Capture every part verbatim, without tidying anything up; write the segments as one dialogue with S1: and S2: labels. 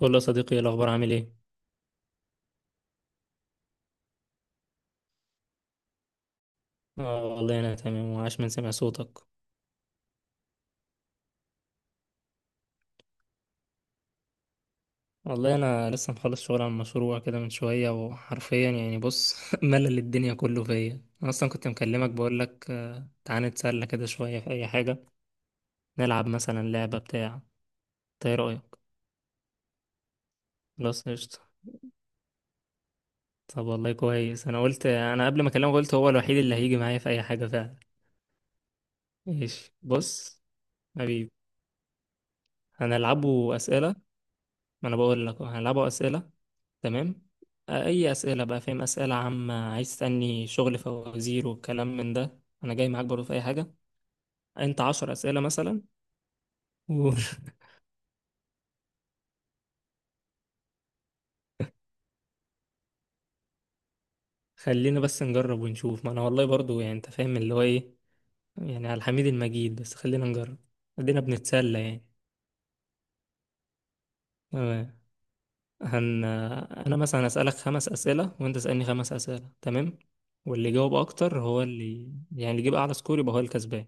S1: قول له يا صديقي، إيه الأخبار؟ عامل إيه؟ آه والله أنا تمام، وعاش من سمع صوتك. والله أنا لسه مخلص شغل عن مشروع كده من شوية، وحرفيا يعني بص ملل الدنيا كله فيا. أنا أصلا كنت مكلمك بقولك آه، تعالى نتسلى كده شوية في أي حاجة. نلعب مثلا لعبة بتاع. إنت إيه رأيك؟ خلاص، قشطة. طب والله كويس، أنا قلت أنا قبل ما أكلمك قلت هو الوحيد اللي هيجي معايا في أي حاجة فعلا. ماشي بص. حبيبي. هنلعبه أسئلة. ما أنا بقول لك أهو، هنلعبه أسئلة. تمام. آه، اي اسئله بقى، فاهم، اسئله عامه، عايز تسالني شغل فوازير والكلام من ده، انا جاي معاك برضه في اي حاجه. انت عشر اسئله مثلا. وخلينا بس نجرب ونشوف، ما انا والله برضه يعني انت فاهم اللي هو ايه. يعني على الحميد المجيد، بس خلينا نجرب. ادينا بنتسلى يعني. تمام. هن انا مثلا اسالك خمس اسئله وانت اسالني خمس اسئله. تمام. واللي يجاوب اكتر هو اللي، يعني اللي يجيب اعلى سكور يبقى هو الكسبان.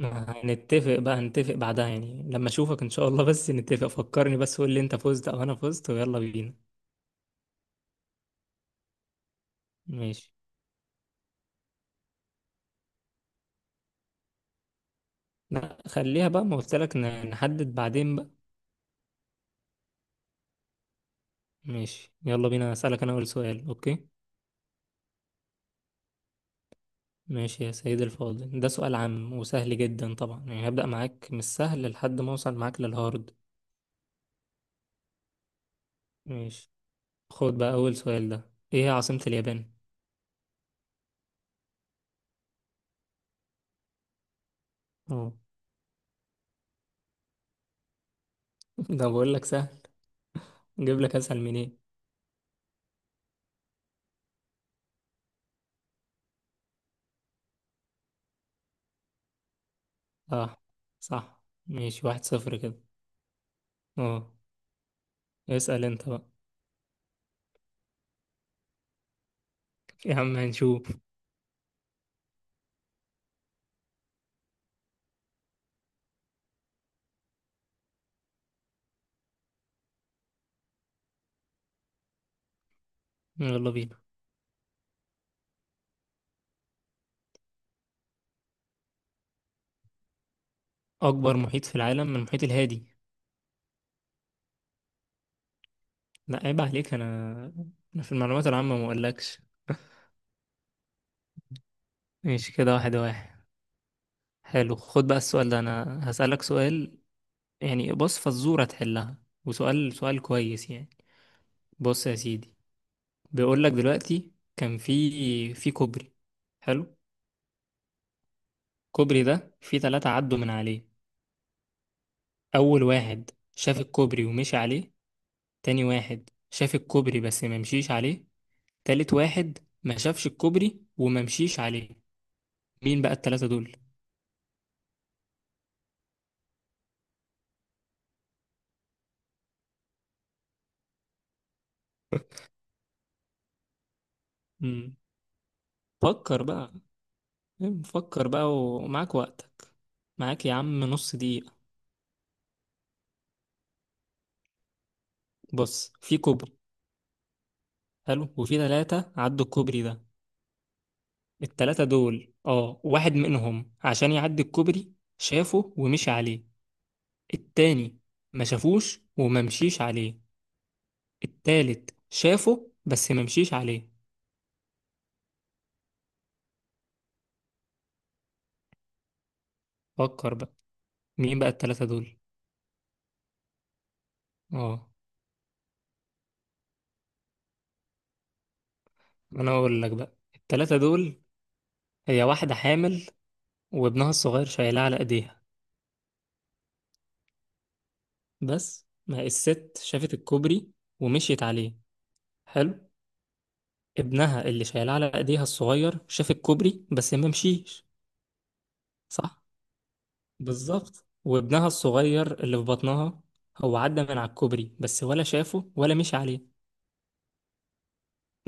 S1: هنتفق بقى، نتفق بعدها يعني لما اشوفك ان شاء الله، بس نتفق، فكرني بس قول لي انت فزت او انا فزت ويلا بينا. ماشي. لا خليها بقى، ما قلت لك ن- نحدد بعدين بقى. ماشي يلا بينا. اسالك انا اول سؤال، اوكي. ماشي يا سيدي الفاضل، ده سؤال عام وسهل جدا طبعا، يعني هبدأ معاك من السهل لحد ما اوصل معاك للهارد. ماشي. خد بقى اول سؤال ده، ايه هي عاصمة اليابان؟ اه. ده بقول لك سهل. جيب لك اسهل من ايه. صح. صح. ماشي واحد صفر. كده اه. اسأل انت بقى. يا عم هنشوف. يلا بينا. اكبر محيط في العالم من المحيط الهادي. لا عيب عليك، انا انا في المعلومات العامة ما اقولكش. ماشي كده، واحد واحد. حلو خد بقى السؤال ده، انا هسألك سؤال. يعني بص، فزورة تحلها. وسؤال سؤال كويس يعني. بص يا سيدي. بيقولك دلوقتي كان في في كوبري. حلو. الكوبري ده في ثلاثة عدوا من عليه. اول واحد شاف الكوبري ومشي عليه. تاني واحد شاف الكوبري بس ما مشيش عليه. تالت واحد ما شافش الكوبري وما مشيش عليه. مين بقى التلاتة دول؟ مم. فكر بقى. فكر بقى ومعاك وقتك. معاك يا عم نص دقيقة. بص في كوبري. حلو. وفي تلاتة عدوا الكوبري ده. التلاتة دول، اه، واحد منهم عشان يعدي الكوبري، شافه ومشي عليه. التاني ما شافوش وما مشيش عليه. التالت شافه بس ما مشيش عليه. فكر بقى. مين بقى التلاتة دول؟ اه. انا اقول لك بقى التلاتة دول. هي واحدة حامل، وابنها الصغير شايلاه على ايديها، بس ما الست شافت الكوبري ومشيت عليه. حلو. ابنها اللي شايلاه على ايديها الصغير شاف الكوبري بس ما مشيش. صح، بالظبط. وابنها الصغير اللي في بطنها هو عدى من على الكوبري بس ولا شافه ولا مشي عليه.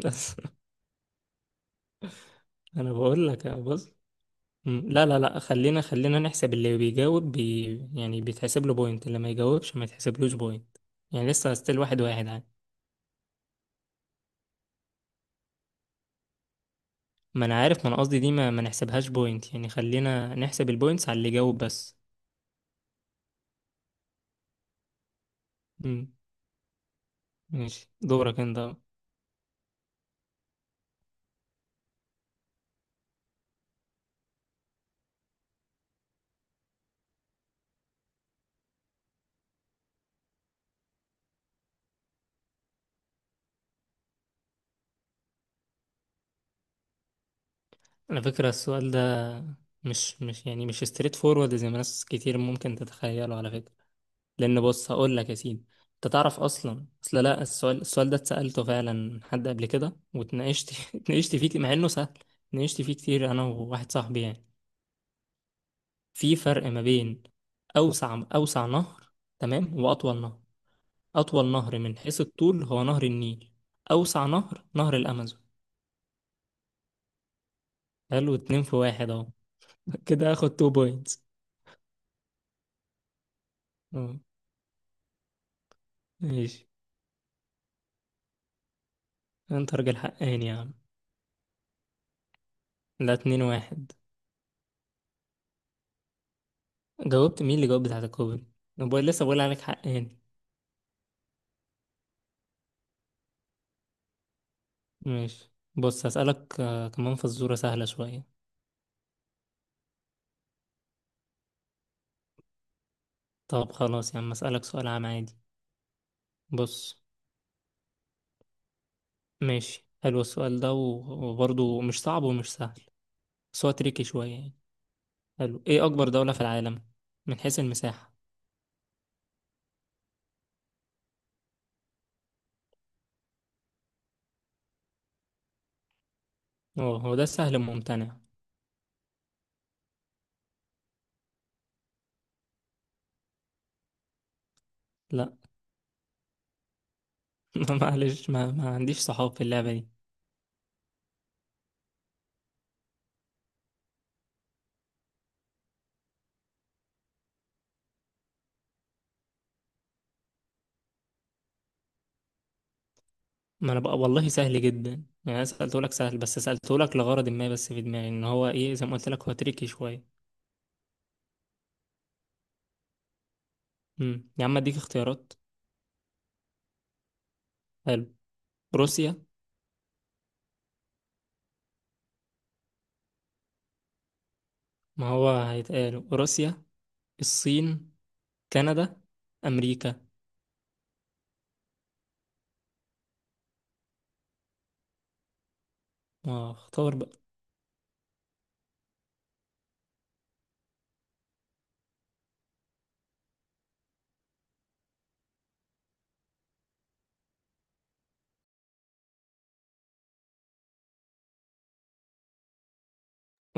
S1: بس. انا بقول لك يا بص. مم، لا لا لا، خلينا خلينا نحسب اللي بيجاوب بي، يعني بيتحسب له بوينت، اللي ما يجاوبش ما يتحسبلوش بوينت. يعني لسه ستيل واحد واحد. ما انا عارف، ما انا قصدي دي ما, ما نحسبهاش بوينت، يعني خلينا نحسب البوينتس على اللي جاوب بس. امم ماشي دورك انت. على فكرة السؤال ده مش مش يعني مش ستريت فورورد زي ما ناس كتير ممكن تتخيله على فكرة. لأن بص هقول لك يا سيدي. أنت تعرف أصلا أصل لا، السؤال السؤال ده اتسألته فعلا من حد قبل كده، واتناقشت اتناقشت فيه مع إنه سهل. اتناقشت فيه كتير أنا وواحد صاحبي يعني. في فرق ما بين أوسع أوسع نهر، تمام، وأطول نهر. أطول نهر من حيث الطول هو نهر النيل. أوسع نهر نهر الأمازون. حلو، اتنين في واحد أهو. كده هاخد تو بوينتس. ماشي. أنت راجل حقاني يا عم. ده اتنين واحد. جاوبت؟ مين اللي جاوب بتاعت الكوبري؟ بقول لسه بقول عليك حقاني. ماشي بص هسألك آه، كمان فزورة سهلة شوية. طب خلاص يا عم، أسألك سؤال عام عادي. بص. ماشي حلو السؤال ده و- وبرضه مش صعب ومش سهل. بس هو تريكي شوية يعني. حلو، إيه أكبر دولة في العالم من حيث المساحة؟ اه هو ده سهل ممتنع. لا. معلش، ما, ما عنديش صحاب في اللعبة دي. ما انا بقى والله سهل جدا. يعني انا سألته لك سهل، بس سألته لك لغرض ما، بس في دماغي ان هو ايه، زي ما قلت لك هو تريكي شوية. امم يا عم اديك اختيارات. حلو. روسيا. ما هو هيتقال روسيا. الصين. كندا. امريكا. اه اختار بقى.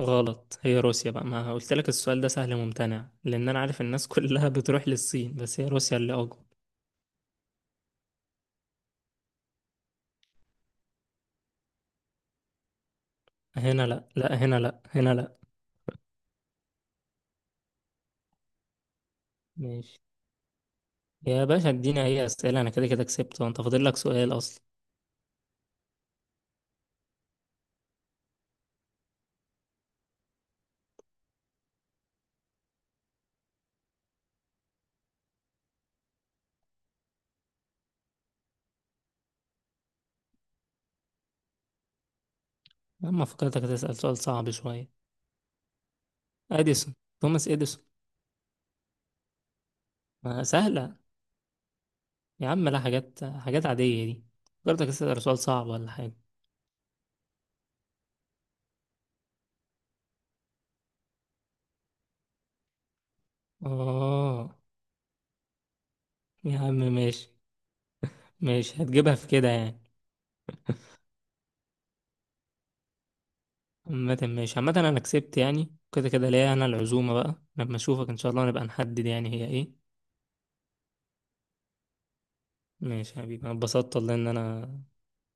S1: غلط، هي روسيا بقى، ما قلت لك السؤال ده سهل ممتنع، لان انا عارف الناس كلها بتروح للصين، بس هي روسيا اللي اكبر. هنا لا، لا هنا، لا هنا لا. ماشي يا باشا اديني اي اسئله، انا كده كده كسبت وانت فاضل لك سؤال اصلا. اما فكرتك هتسال سؤال صعب شويه. اديسون. توماس اديسون. ما سهله. يا عم، لا حاجات حاجات عاديه دي. فكرتك هتسال سؤال صعب ولا حاجه. اه. يا عم ماشي. ماشي، هتجيبها في كده يعني. عامة ماشي، عامة انا كسبت يعني كده كده ليا انا العزومه بقى، لما اشوفك ان شاء الله نبقى نحدد يعني هي ايه. ماشي يا حبيبي، انا اتبسطت والله ان انا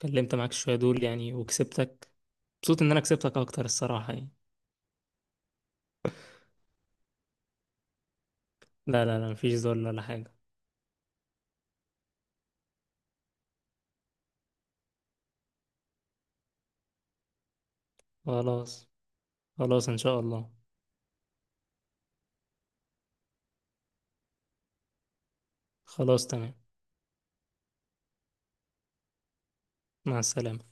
S1: كلمت معاك شويه دول يعني وكسبتك. مبسوط ان انا كسبتك اكتر الصراحه يعني. لا لا لا، مفيش ذل ولا حاجة. خلاص، خلاص إن شاء الله. خلاص تمام. مع السلامة.